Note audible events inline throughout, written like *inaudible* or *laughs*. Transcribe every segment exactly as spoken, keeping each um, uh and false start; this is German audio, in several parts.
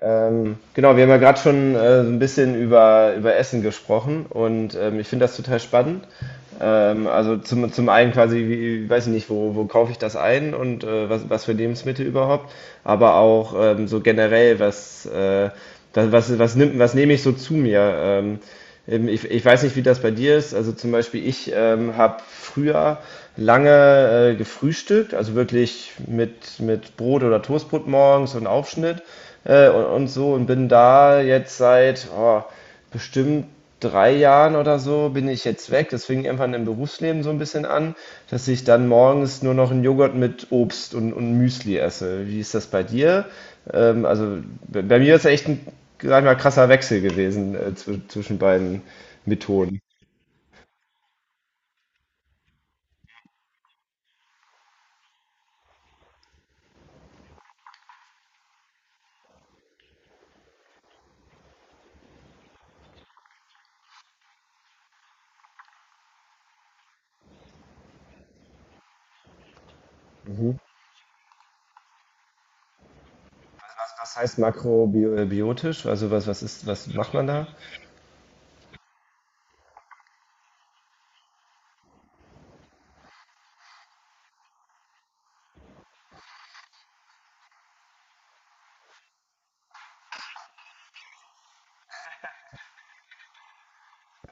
Ähm, genau, Wir haben ja gerade schon äh, so ein bisschen über, über Essen gesprochen und ähm, ich finde das total spannend. Ähm, also zum, zum einen quasi, wie, weiß ich nicht, wo, wo kaufe ich das ein und äh, was, was für Lebensmittel überhaupt, aber auch ähm, so generell, was, äh, das, was, was, nimmt, was nehme ich so zu mir? Ähm, ähm, ich, ich weiß nicht, wie das bei dir ist. Also zum Beispiel, ich ähm, habe früher lange äh, gefrühstückt, also wirklich mit, mit Brot oder Toastbrot morgens und Aufschnitt äh, und, und so und bin da jetzt seit, oh, bestimmt drei Jahren oder so bin ich jetzt weg. Das fing irgendwann im Berufsleben so ein bisschen an, dass ich dann morgens nur noch einen Joghurt mit Obst und, und Müsli esse. Wie ist das bei dir? Ähm, also bei bei mir ist echt ein, sag ich mal, krasser Wechsel gewesen äh, zw- zwischen beiden Methoden. Mhm. Was, was heißt makrobiotisch? Also was, was ist, was macht man da?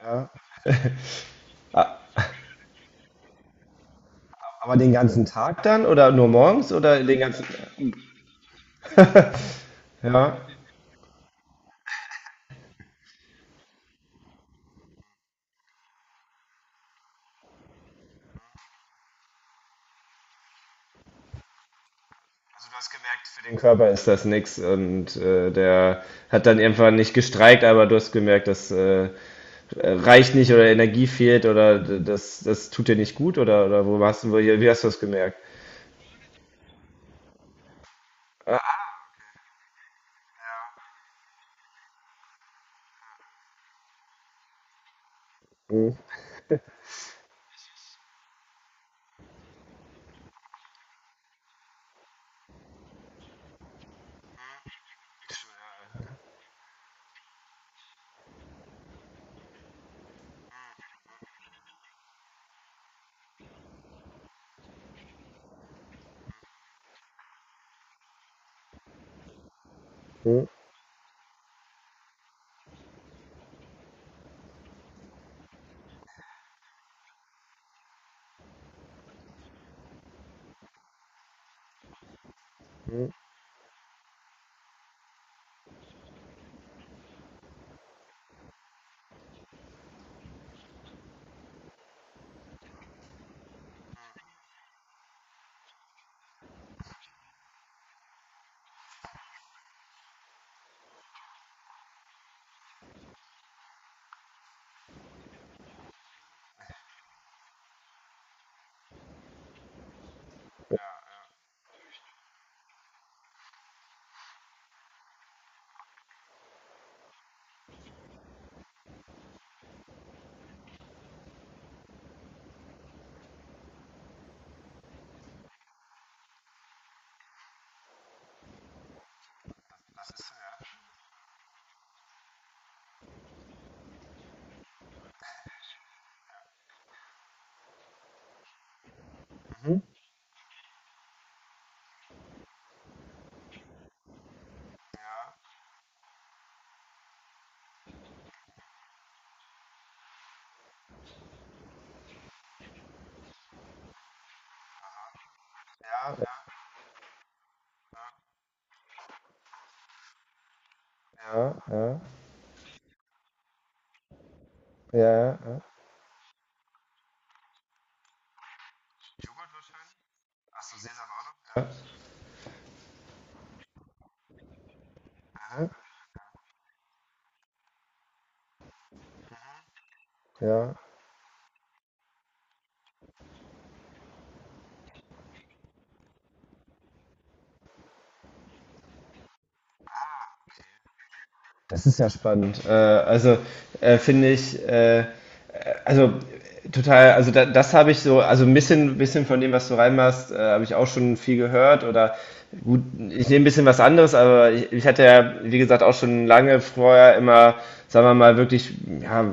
Ja. A- Aber den ganzen Tag dann oder nur morgens oder den ganzen? Ja. Also du hast gemerkt, für den Körper ist das nix und äh, der hat dann irgendwann nicht gestreikt, aber du hast gemerkt, das äh, reicht nicht oder Energie fehlt oder d- das, das tut dir nicht gut oder, oder wo hast du, wo- wie hast du das gemerkt? Mhm. Mhm. Mhm. Ja, ja, ja, ja, ja, ja. Das ist ja spannend. Äh, also äh, finde ich, äh, also total, also da, das habe ich so, also ein bisschen, bisschen von dem, was du reinmachst, äh, habe ich auch schon viel gehört oder gut, ich nehme ein bisschen was anderes, aber ich, ich hatte ja, wie gesagt, auch schon lange vorher immer, sagen wir mal, wirklich ja,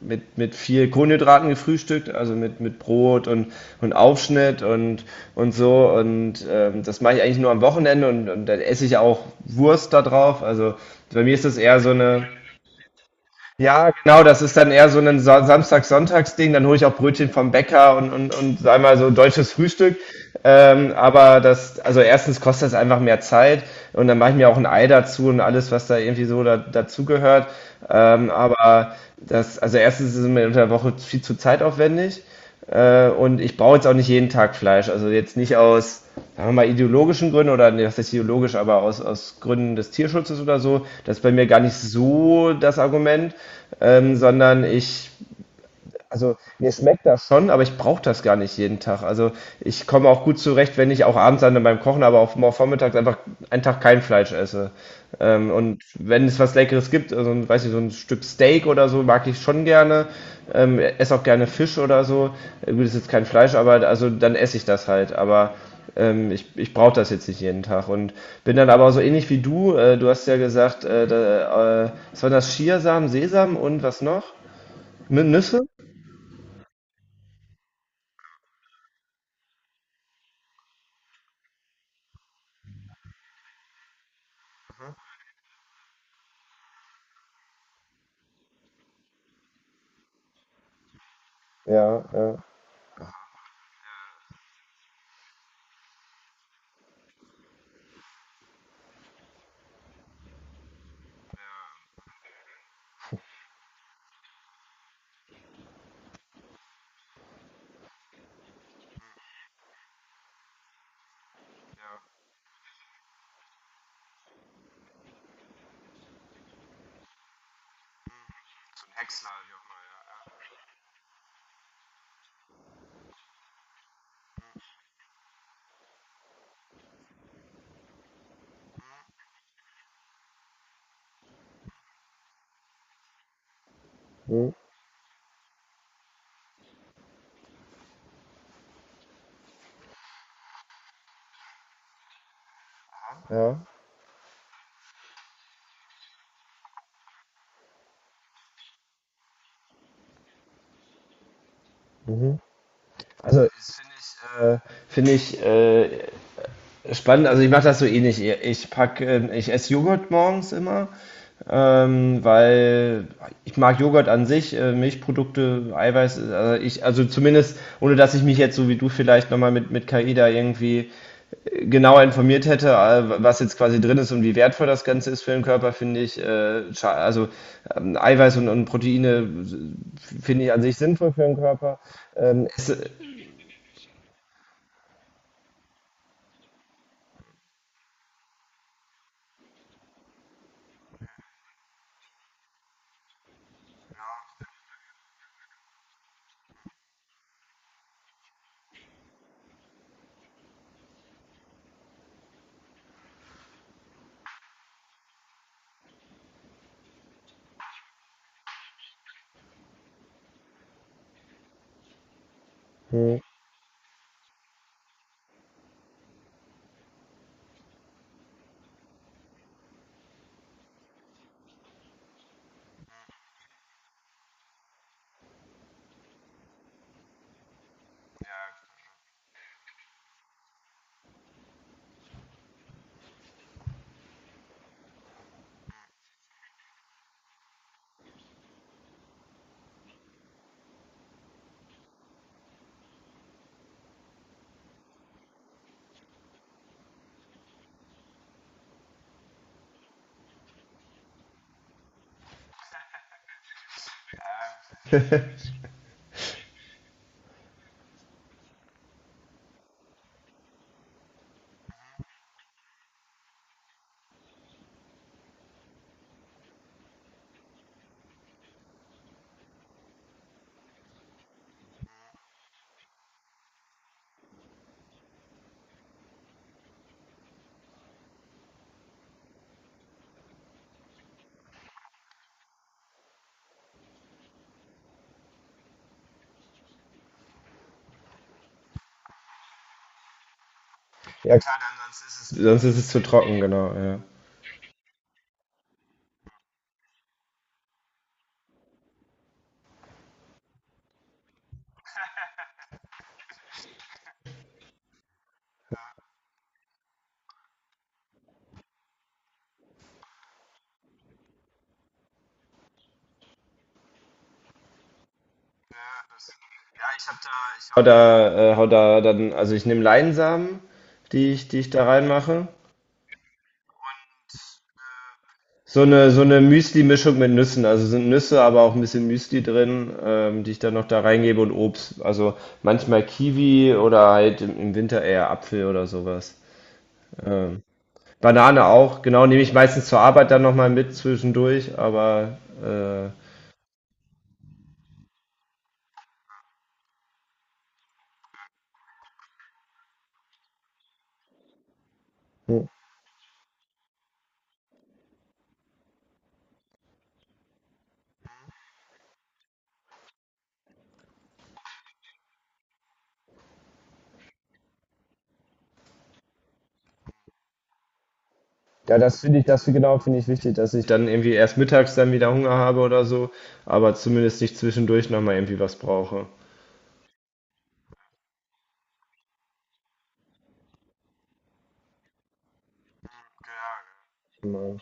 mit, mit viel Kohlenhydraten gefrühstückt, also mit, mit Brot und, und Aufschnitt und, und so und ähm, das mache ich eigentlich nur am Wochenende und, und dann esse ich auch Wurst da drauf, also bei mir ist das eher so eine ja, genau, das ist dann eher so ein Sa- Samstag-Sonntags-Ding. Dann hole ich auch Brötchen vom Bäcker und, und, und sag mal so deutsches Frühstück. Ähm, aber das, also erstens kostet das einfach mehr Zeit und dann mache ich mir auch ein Ei dazu und alles, was da irgendwie so da, dazugehört. Ähm, aber das, also erstens ist es mir unter der Woche viel zu zeitaufwendig. Äh, und ich brauche jetzt auch nicht jeden Tag Fleisch. Also jetzt nicht aus, sagen wir mal, ideologischen Gründen oder nee, was ist ideologisch, aber aus, aus Gründen des Tierschutzes oder so. Das ist bei mir gar nicht so das Argument, ähm, sondern ich also mir schmeckt das schon, aber ich brauche das gar nicht jeden Tag. Also ich komme auch gut zurecht, wenn ich auch abends dann beim Kochen, aber auch mal vormittags einfach einen Tag kein Fleisch esse. Ähm, und wenn es was Leckeres gibt, also, ein- weiß ich, so ein Stück Steak oder so, mag ich schon gerne. Ähm, esse auch gerne Fisch oder so. Äh, Gut, ist jetzt kein Fleisch, aber also dann esse ich das halt. Aber ähm, ich, ich brauche das jetzt nicht jeden Tag. Und bin dann aber so ähnlich wie du. Äh, du hast ja gesagt, äh, da, äh, was waren das? Chiasamen, Sesam und was noch? Nüsse? Ja, ja. So ein Häcksler, wie auch immer. Hm, ja. Also, das finde ich, äh, finde ich äh, spannend. Also, ich mache das so ähnlich. Ich pack, ähm, ich esse Joghurt morgens immer, ähm, weil ich mag Joghurt an sich, äh, Milchprodukte, Eiweiß. äh, Also, ich, also zumindest, ohne dass ich mich jetzt so wie du vielleicht nochmal mit, mit K I da irgendwie genauer informiert hätte, äh, was jetzt quasi drin ist und wie wertvoll das Ganze ist für den Körper, finde ich, äh, scha- also ähm, Eiweiß und, und Proteine äh, finde ich an sich sinnvoll für den Körper. Ähm, es, hm, ja klar, das ist es, sonst ist es zu trocken, genau. Ja. hau da, äh, hau da dann, also ich nehme Leinsamen, die ich, die ich da reinmache. So eine so eine Müsli-Mischung mit Nüssen. Also, sind Nüsse, aber auch ein bisschen Müsli drin, ähm, die ich dann noch da reingebe und Obst. Also, manchmal Kiwi oder halt im im Winter eher Apfel oder sowas. Ähm, Banane auch, genau, nehme ich meistens zur Arbeit dann noch mal mit zwischendurch, aber, äh, hm, ja, das finde ich das find- genau, finde ich wichtig, dass ich dann irgendwie erst mittags dann wieder Hunger habe oder so, aber zumindest nicht zwischendurch noch mal irgendwie was brauche. Genau.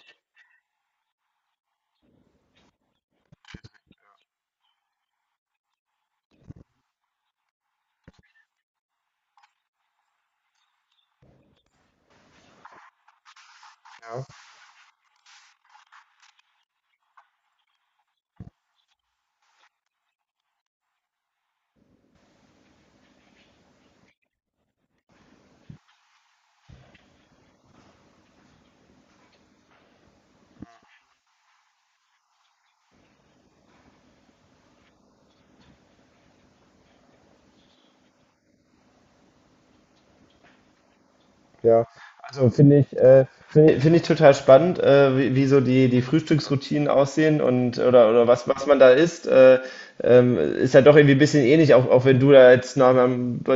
Ja, also finde ich, äh, finde ich, finde ich total spannend, äh, wie, wie so die, die Frühstücksroutinen aussehen und oder, oder was, was man da isst. Äh, ähm, ist ja doch irgendwie ein bisschen ähnlich, auch, auch wenn du da jetzt noch mal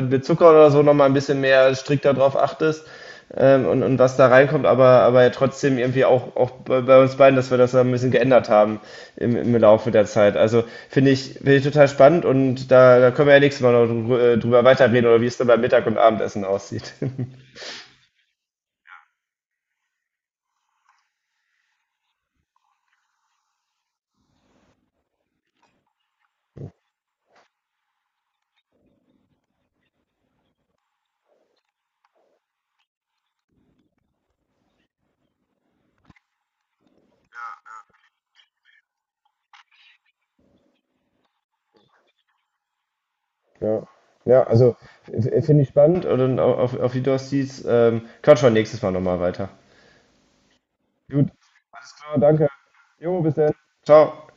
mit Zucker oder so nochmal ein bisschen mehr strikter drauf achtest, ähm, und, und was da reinkommt, aber, aber ja trotzdem irgendwie auch, auch bei, bei uns beiden, dass wir das da ein bisschen geändert haben im, im Laufe der Zeit. Also finde ich, finde ich total spannend und da, da können wir ja nächstes Mal noch drü- äh, drüber weiterreden oder wie es dann beim Mittag- und Abendessen aussieht. *laughs* Ja, ja, also f- finde ich spannend und au- auf, auf die Dostis ähm, quatschen wir nächstes Mal nochmal weiter. Gut, alles klar, danke. Jo, bis dann. Ciao.